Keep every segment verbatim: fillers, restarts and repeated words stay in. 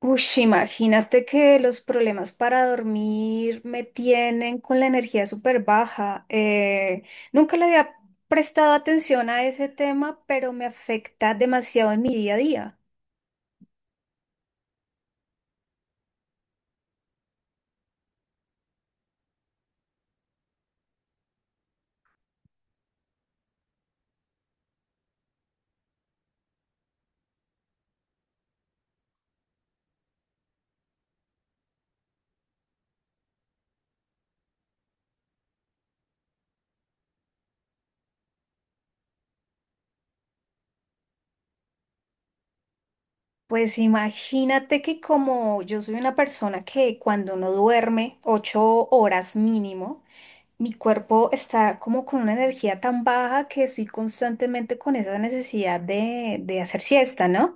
Ush, imagínate que los problemas para dormir me tienen con la energía súper baja. Eh, nunca le había prestado atención a ese tema, pero me afecta demasiado en mi día a día. Pues imagínate que como yo soy una persona que cuando no duerme ocho horas mínimo, mi cuerpo está como con una energía tan baja que estoy constantemente con esa necesidad de, de hacer siesta, ¿no?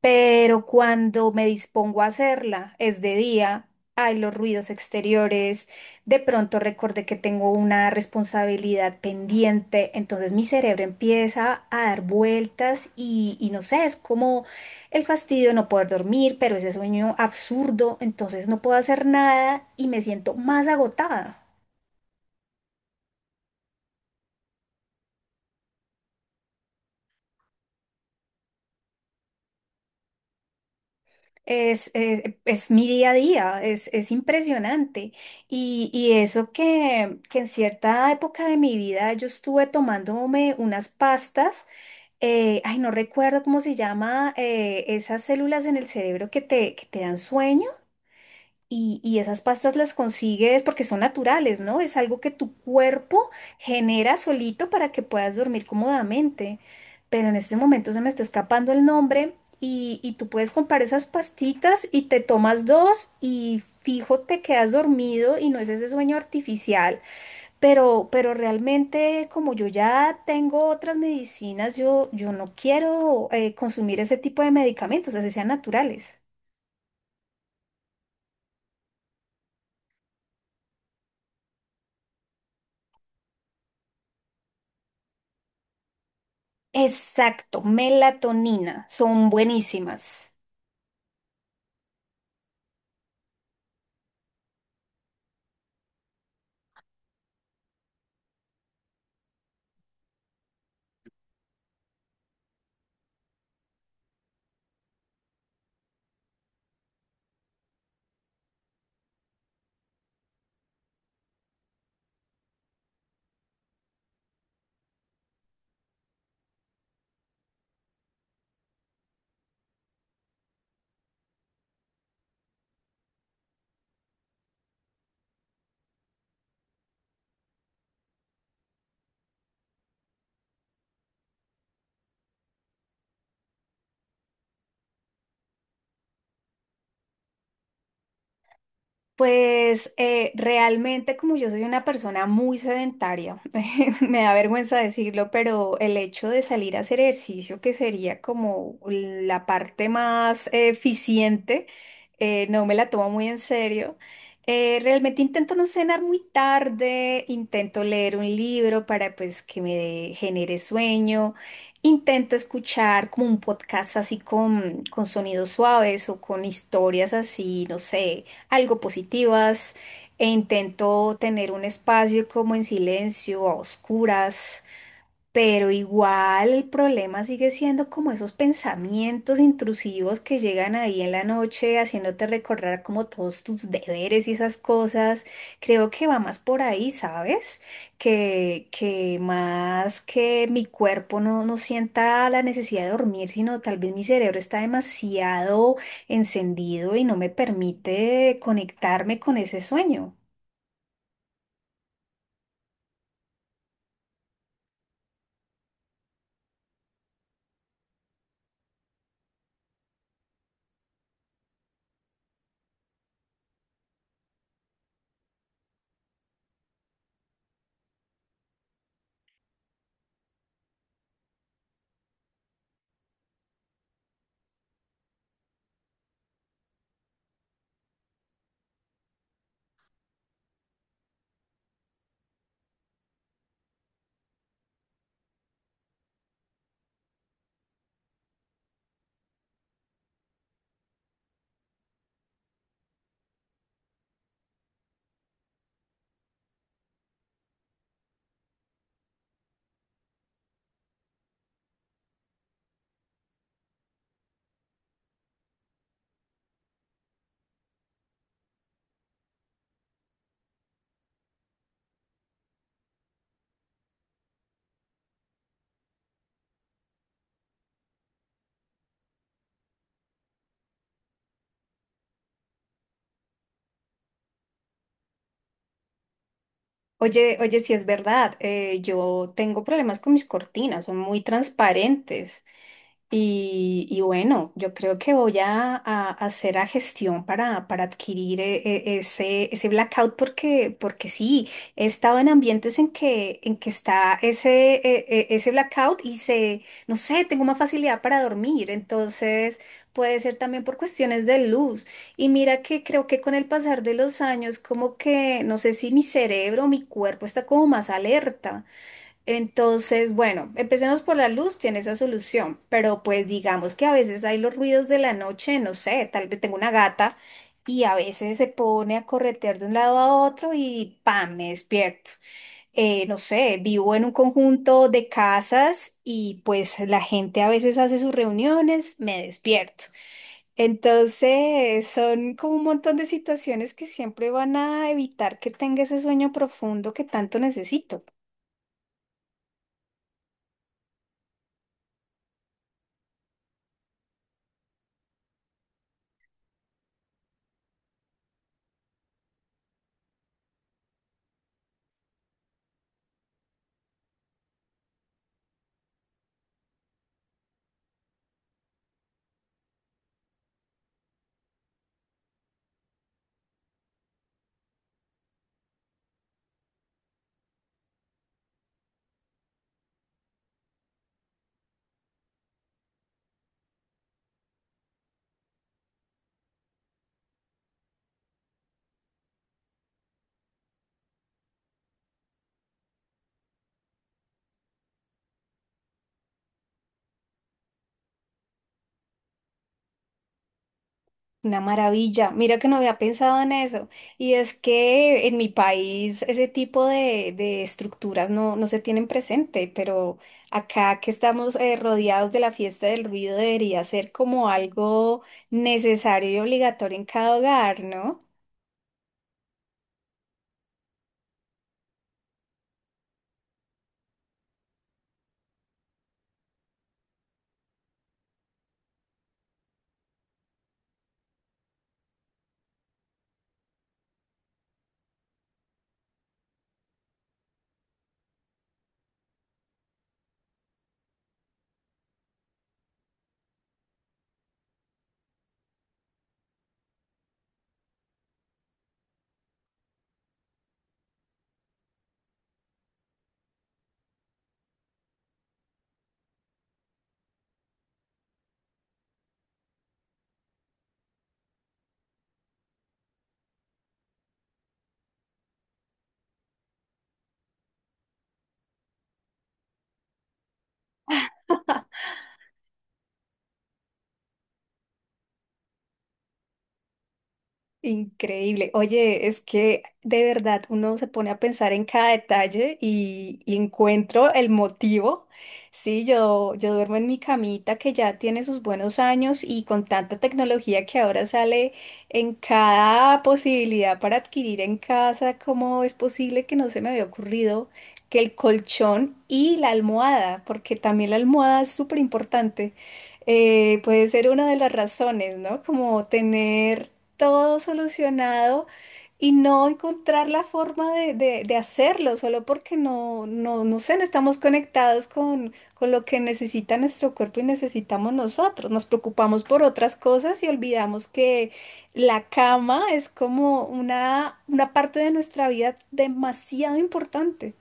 Pero cuando me dispongo a hacerla, es de día, hay los ruidos exteriores, de pronto recordé que tengo una responsabilidad pendiente, entonces mi cerebro empieza a dar vueltas y, y no sé, es como el fastidio de no poder dormir, pero ese sueño absurdo, entonces no puedo hacer nada y me siento más agotada. Es, es, es mi día a día, es, es impresionante. Y, y eso que, que en cierta época de mi vida yo estuve tomándome unas pastas, eh, ay, no recuerdo cómo se llama, eh, esas células en el cerebro que te, que te dan sueño. Y, y esas pastas las consigues porque son naturales, ¿no? Es algo que tu cuerpo genera solito para que puedas dormir cómodamente. Pero en este momento se me está escapando el nombre y, y tú puedes comprar esas pastitas y te tomas dos y fijo te quedas dormido y no es ese sueño artificial. Pero, pero realmente como yo ya tengo otras medicinas, yo, yo no quiero eh, consumir ese tipo de medicamentos, así sean naturales. Exacto, melatonina, son buenísimas. Pues eh, realmente como yo soy una persona muy sedentaria, me da vergüenza decirlo, pero el hecho de salir a hacer ejercicio, que sería como la parte más eh, eficiente, eh, no me la tomo muy en serio. Eh, realmente intento no cenar muy tarde, intento leer un libro para pues que me genere sueño, intento escuchar como un podcast así con, con sonidos suaves o con historias así, no sé algo positivas e intento tener un espacio como en silencio, a oscuras, pero igual el problema sigue siendo como esos pensamientos intrusivos que llegan ahí en la noche haciéndote recordar como todos tus deberes y esas cosas. Creo que va más por ahí, ¿sabes? Que, que más que mi cuerpo no, no sienta la necesidad de dormir, sino tal vez mi cerebro está demasiado encendido y no me permite conectarme con ese sueño. Oye, oye, sí es verdad, eh, yo tengo problemas con mis cortinas, son muy transparentes y, y bueno, yo creo que voy a, a hacer la gestión para, para adquirir eh, eh, ese, ese blackout porque, porque sí, he estado en ambientes en que, en que está ese, eh, eh, ese blackout y se, no sé, tengo más facilidad para dormir, entonces puede ser también por cuestiones de luz. Y mira que creo que con el pasar de los años, como que no sé si mi cerebro o mi cuerpo está como más alerta. Entonces, bueno, empecemos por la luz, tiene esa solución, pero pues digamos que a veces hay los ruidos de la noche, no sé, tal vez tengo una gata y a veces se pone a corretear de un lado a otro y ¡pam!, me despierto, eh, no sé, vivo en un conjunto de casas y pues la gente a veces hace sus reuniones, me despierto. Entonces, son como un montón de situaciones que siempre van a evitar que tenga ese sueño profundo que tanto necesito. Una maravilla. Mira que no había pensado en eso. Y es que en mi país ese tipo de, de estructuras no, no se tienen presente, pero acá que estamos eh, rodeados de la fiesta del ruido debería ser como algo necesario y obligatorio en cada hogar, ¿no? Increíble. Oye, es que de verdad uno se pone a pensar en cada detalle y, y encuentro el motivo. Sí, yo, yo duermo en mi camita que ya tiene sus buenos años y con tanta tecnología que ahora sale en cada posibilidad para adquirir en casa, ¿cómo es posible que no se me había ocurrido que el colchón y la almohada, porque también la almohada es súper importante, eh, puede ser una de las razones, ¿no? Como tener todo solucionado y no encontrar la forma de, de- de hacerlo, solo porque no, no, no sé, no estamos conectados con, con lo que necesita nuestro cuerpo y necesitamos nosotros. Nos preocupamos por otras cosas y olvidamos que la cama es como una, una parte de nuestra vida demasiado importante.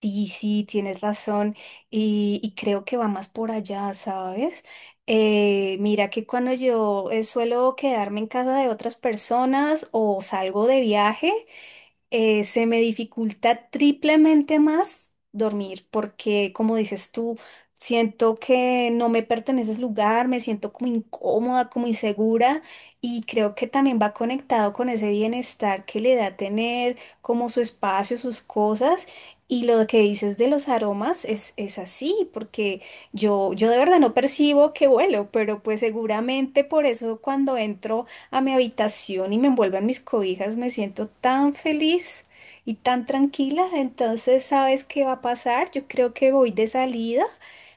Sí, sí, tienes razón y, y creo que va más por allá, ¿sabes? Eh, mira que cuando yo eh, suelo quedarme en casa de otras personas o salgo de viaje, eh, se me dificulta triplemente más dormir, porque como dices tú, siento que no me pertenece ese lugar, me siento como incómoda, como insegura y creo que también va conectado con ese bienestar que le da tener como su espacio, sus cosas. Y lo que dices de los aromas es, es así, porque yo, yo de verdad no percibo que huelo, pero pues seguramente por eso cuando entro a mi habitación y me envuelvo en mis cobijas, me siento tan feliz y tan tranquila. Entonces, ¿sabes qué va a pasar? Yo creo que voy de salida.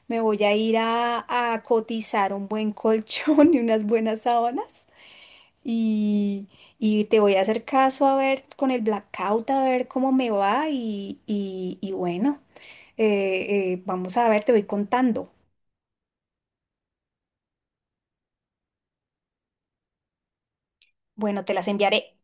Me voy a ir a, a cotizar un buen colchón y unas buenas sábanas. Y, y te voy a hacer caso a ver con el blackout, a ver cómo me va. Y, y- y bueno, eh, eh, vamos a ver, te voy contando. Bueno, te las enviaré.